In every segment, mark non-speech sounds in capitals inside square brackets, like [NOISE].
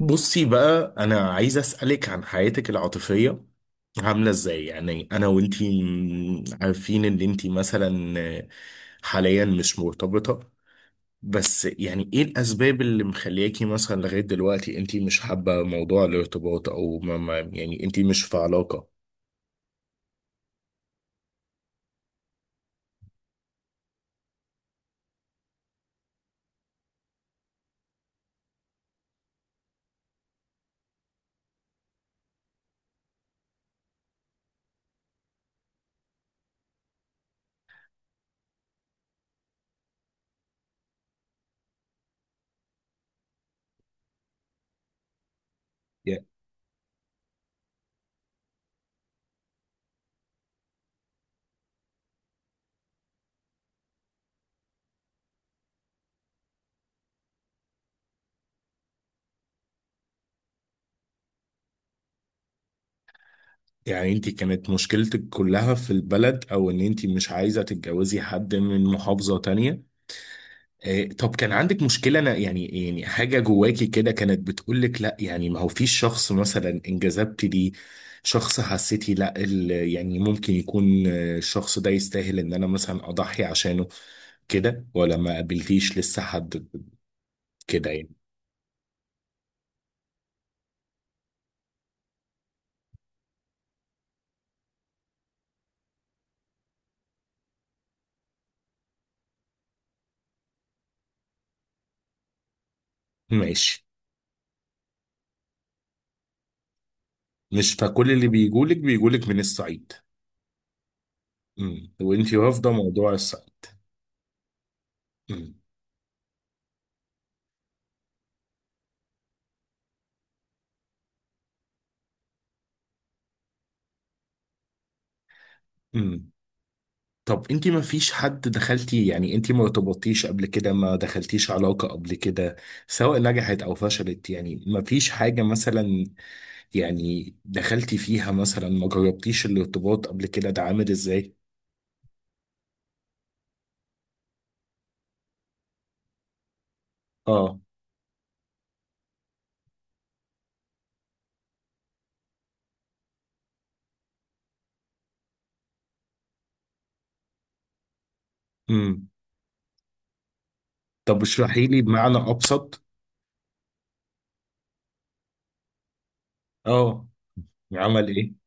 بصي بقى، انا عايز اسالك عن حياتك العاطفيه، عامله ازاي؟ يعني انا وانتي عارفين ان انتي مثلا حاليا مش مرتبطه. بس يعني ايه الاسباب اللي مخلياكي مثلا لغايه دلوقتي انتي مش حابه موضوع الارتباط، او ما يعني انتي مش في علاقه؟ ي- يعني انتي كانت مشكلتك كلها في البلد، او ان انتي مش عايزه تتجوزي حد من محافظه تانية؟ إيه، طب كان عندك مشكلة أنا يعني، يعني حاجة جواكي كده كانت بتقولك لا؟ يعني ما هو فيش شخص مثلا انجذبت ليه، شخص حسيتي لا ال- يعني ممكن يكون، الشخص ده يستاهل إن أنا مثلا أضحي عشانه كده، ولا ما قابلتيش لسه حد كده يعني؟ ماشي. مش فكل اللي بيجولك بيجولك من الصعيد؟ امم. وانتي رافضة موضوع الصعيد. امم. امم. طب انت ما فيش حد دخلتي، يعني انت ما ارتبطتيش قبل كده؟ ما دخلتيش علاقة قبل كده، سواء نجحت او فشلت؟ يعني ما فيش حاجة مثلا يعني دخلتي فيها مثلا؟ ما جربتيش الارتباط قبل كده؟ ده عامل ازاي؟ اه. امم. طب اشرحي لي بمعنى ابسط. اه، عمل ايه؟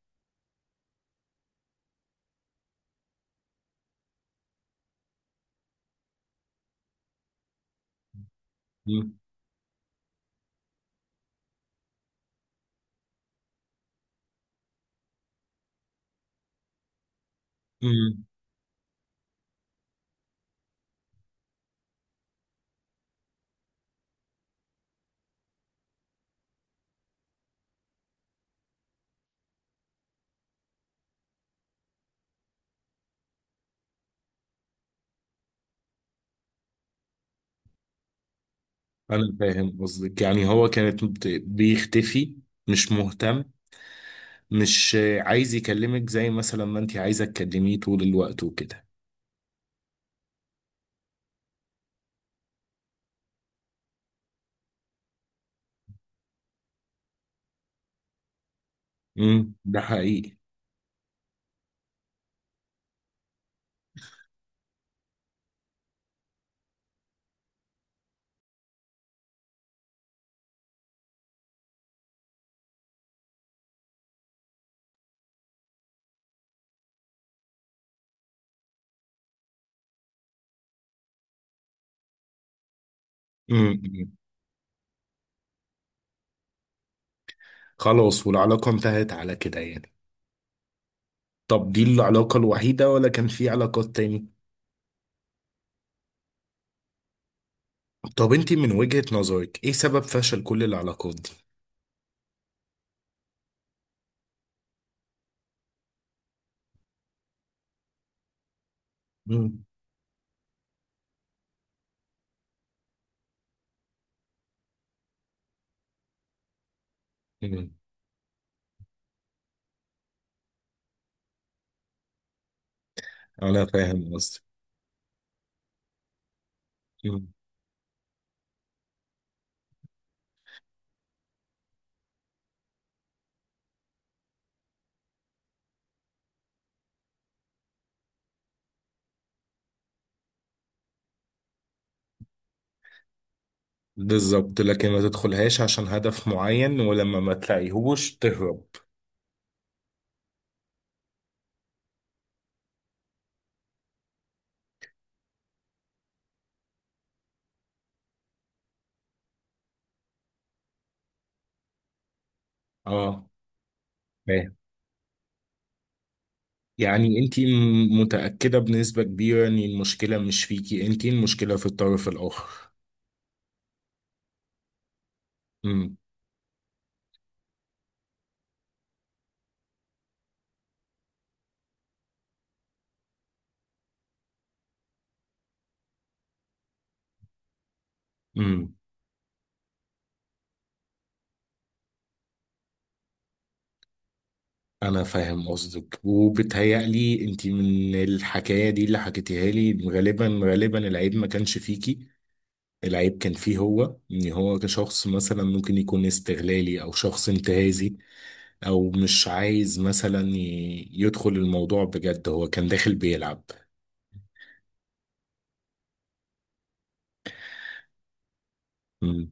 امم. امم. انا فاهم قصدك، يعني هو كانت بيختفي، مش مهتم، مش عايز يكلمك زي مثلا ما انت عايزة تكلميه طول الوقت وكده. امم، ده حقيقي. امم. خلاص، والعلاقة انتهت على كده يعني؟ طب دي العلاقة الوحيدة، ولا كان في علاقات تاني؟ طب انت من وجهة نظرك، ايه سبب فشل كل العلاقات دي؟ امم. امم. انا فاهم قصدك. مم. بالظبط، لكن ما تدخلهاش عشان هدف معين، ولما ما تلاقيهوش تهرب. اه. فاهم. يعني انت متأكدة بنسبة كبيرة ان المشكلة مش فيكي، انت المشكلة في الطرف الآخر؟ امم. انا فاهم قصدك، وبتهيألي انت من الحكايه دي اللي حكيتيها لي، غالبا غالبا العيب ما كانش فيكي، العيب كان فيه هو. ان هو كشخص مثلا ممكن يكون استغلالي، او شخص انتهازي، او مش عايز مثلا يدخل الموضوع بجد، هو كان داخل بيلعب. مم.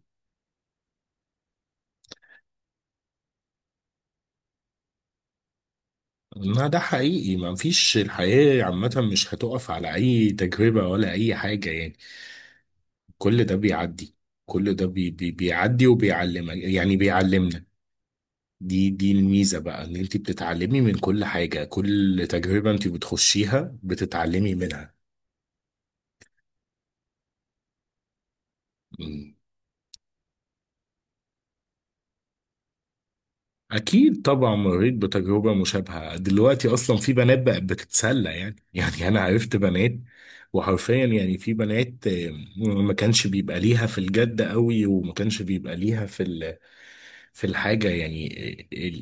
ما ده حقيقي، ما فيش، الحياه عامه مش هتقف على اي تجربه ولا اي حاجه يعني، كل ده بيعدي، كل ده بي بيعدي وبيعلمك، يعني بيعلمنا. دي الميزة بقى، ان انت بتتعلمي من كل حاجة، كل تجربة انت بتخشيها بتتعلمي منها. مم. اكيد طبعا مريت بتجربة مشابهة، دلوقتي اصلا في بنات بقت بتتسلى يعني [LAUGHS] يعني انا عرفت بنات وحرفيا، يعني في بنات، ما كانش بيبقى ليها في الجد قوي، وما كانش بيبقى ليها في في الحاجة يعني،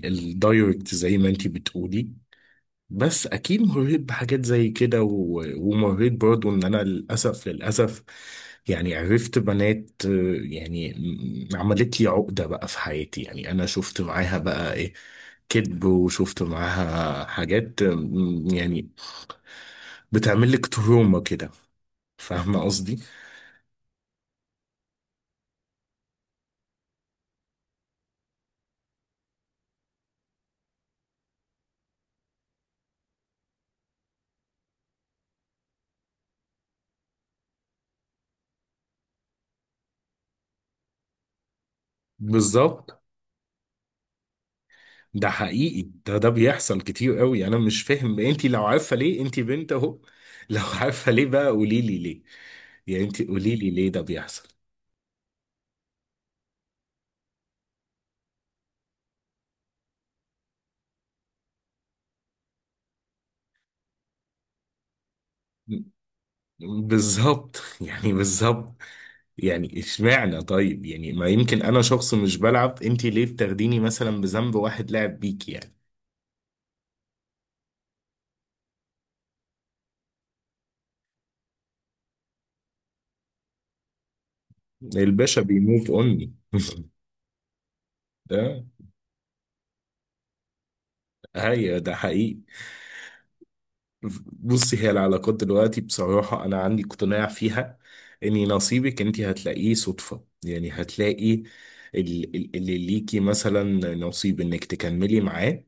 الدايركت زي ما انت بتقولي. بس اكيد مريت بحاجات زي كده، ومريت برضو، ان انا للاسف للاسف يعني عرفت بنات، يعني عملت لي عقدة بقى في حياتي، يعني انا شفت معاها بقى ايه؟ كذب، وشفت معاها حاجات، يعني بتعمل لك تروما كده، فاهمة قصدي؟ بالظبط. ده حقيقي، ده بيحصل كتير قوي. انا مش فاهم، انتي لو عارفة ليه، انتي بنت اهو [LAUGHS] لو عارفة ليه بقى قولي لي ليه، يعني انت قولي لي ليه ده بيحصل. بالظبط [LAUGHS] يعني بالظبط، يعني اشمعنى؟ طيب يعني ما يمكن انا شخص مش بلعب، انت ليه بتاخديني مثلا بذنب واحد لعب بيك يعني؟ الباشا بيموف اوني [LAUGHS] ده. هي ده حقيقي. بصي، هي العلاقات دلوقتي بصراحة، انا عندي اقتناع فيها، اني نصيبك انت هتلاقيه صدفة، يعني هتلاقي اللي ليكي مثلا نصيب انك تكملي معاه،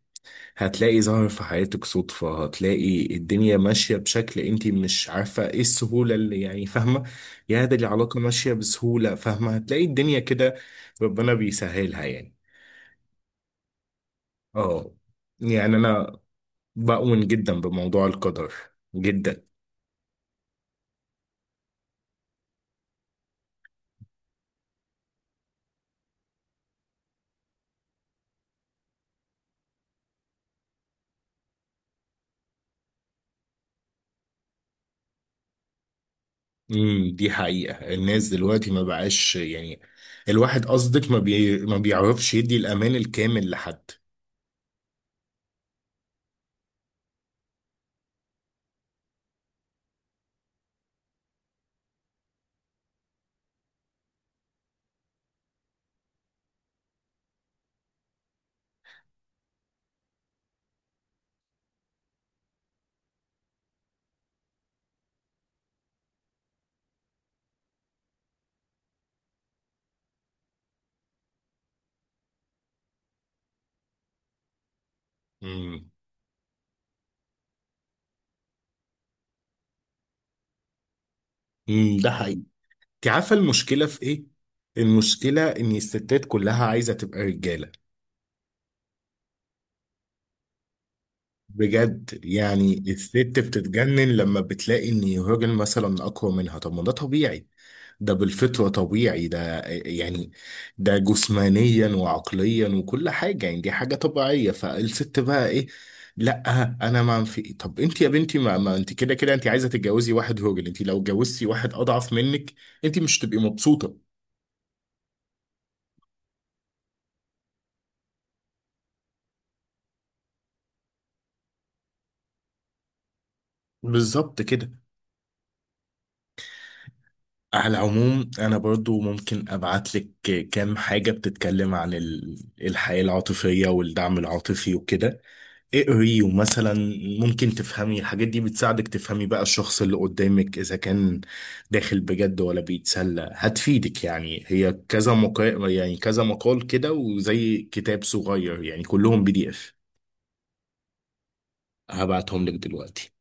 هتلاقي ظهر في حياتك صدفة، هتلاقي الدنيا ماشية بشكل انت مش عارفة ايه السهولة اللي، يعني فاهمة؟ يا ده العلاقة ماشية بسهولة، فاهمة؟ هتلاقي الدنيا كده، ربنا بيسهلها يعني. اه، يعني انا بؤمن جدا بموضوع القدر، جدا. امم. دي حقيقة، الناس دلوقتي ما بقاش يعني، الواحد قصدك ما بي، ما بيعرفش يدي الامان الكامل لحد. امم. امم. ده. انت عارفه المشكله في ايه؟ المشكله ان الستات كلها عايزه تبقى رجاله. بجد، يعني الست بتتجنن لما بتلاقي ان الراجل مثلا اقوى منها، طب ما ده طبيعي، ده بالفطره طبيعي ده يعني، ده جسمانيا وعقليا وكل حاجه يعني، دي حاجه طبيعيه. فالست بقى ايه؟ لا انا ما في إيه؟ طب انت يا بنتي ما انت كده كده انت عايزه تتجوزي واحد راجل، انت لو اتجوزتي واحد اضعف منك انت مش هتبقي مبسوطه. بالظبط كده. على العموم، انا برضو ممكن ابعت لك كام حاجة بتتكلم عن الحياة العاطفية والدعم العاطفي وكده، اقري، ومثلا ممكن تفهمي الحاجات دي، بتساعدك تفهمي بقى الشخص اللي قدامك اذا كان داخل بجد ولا بيتسلى. هتفيدك، يعني هي كذا مقال، يعني كذا مقال كده، وزي كتاب صغير يعني، كلهم PDF، هبعتهم لك دلوقتي.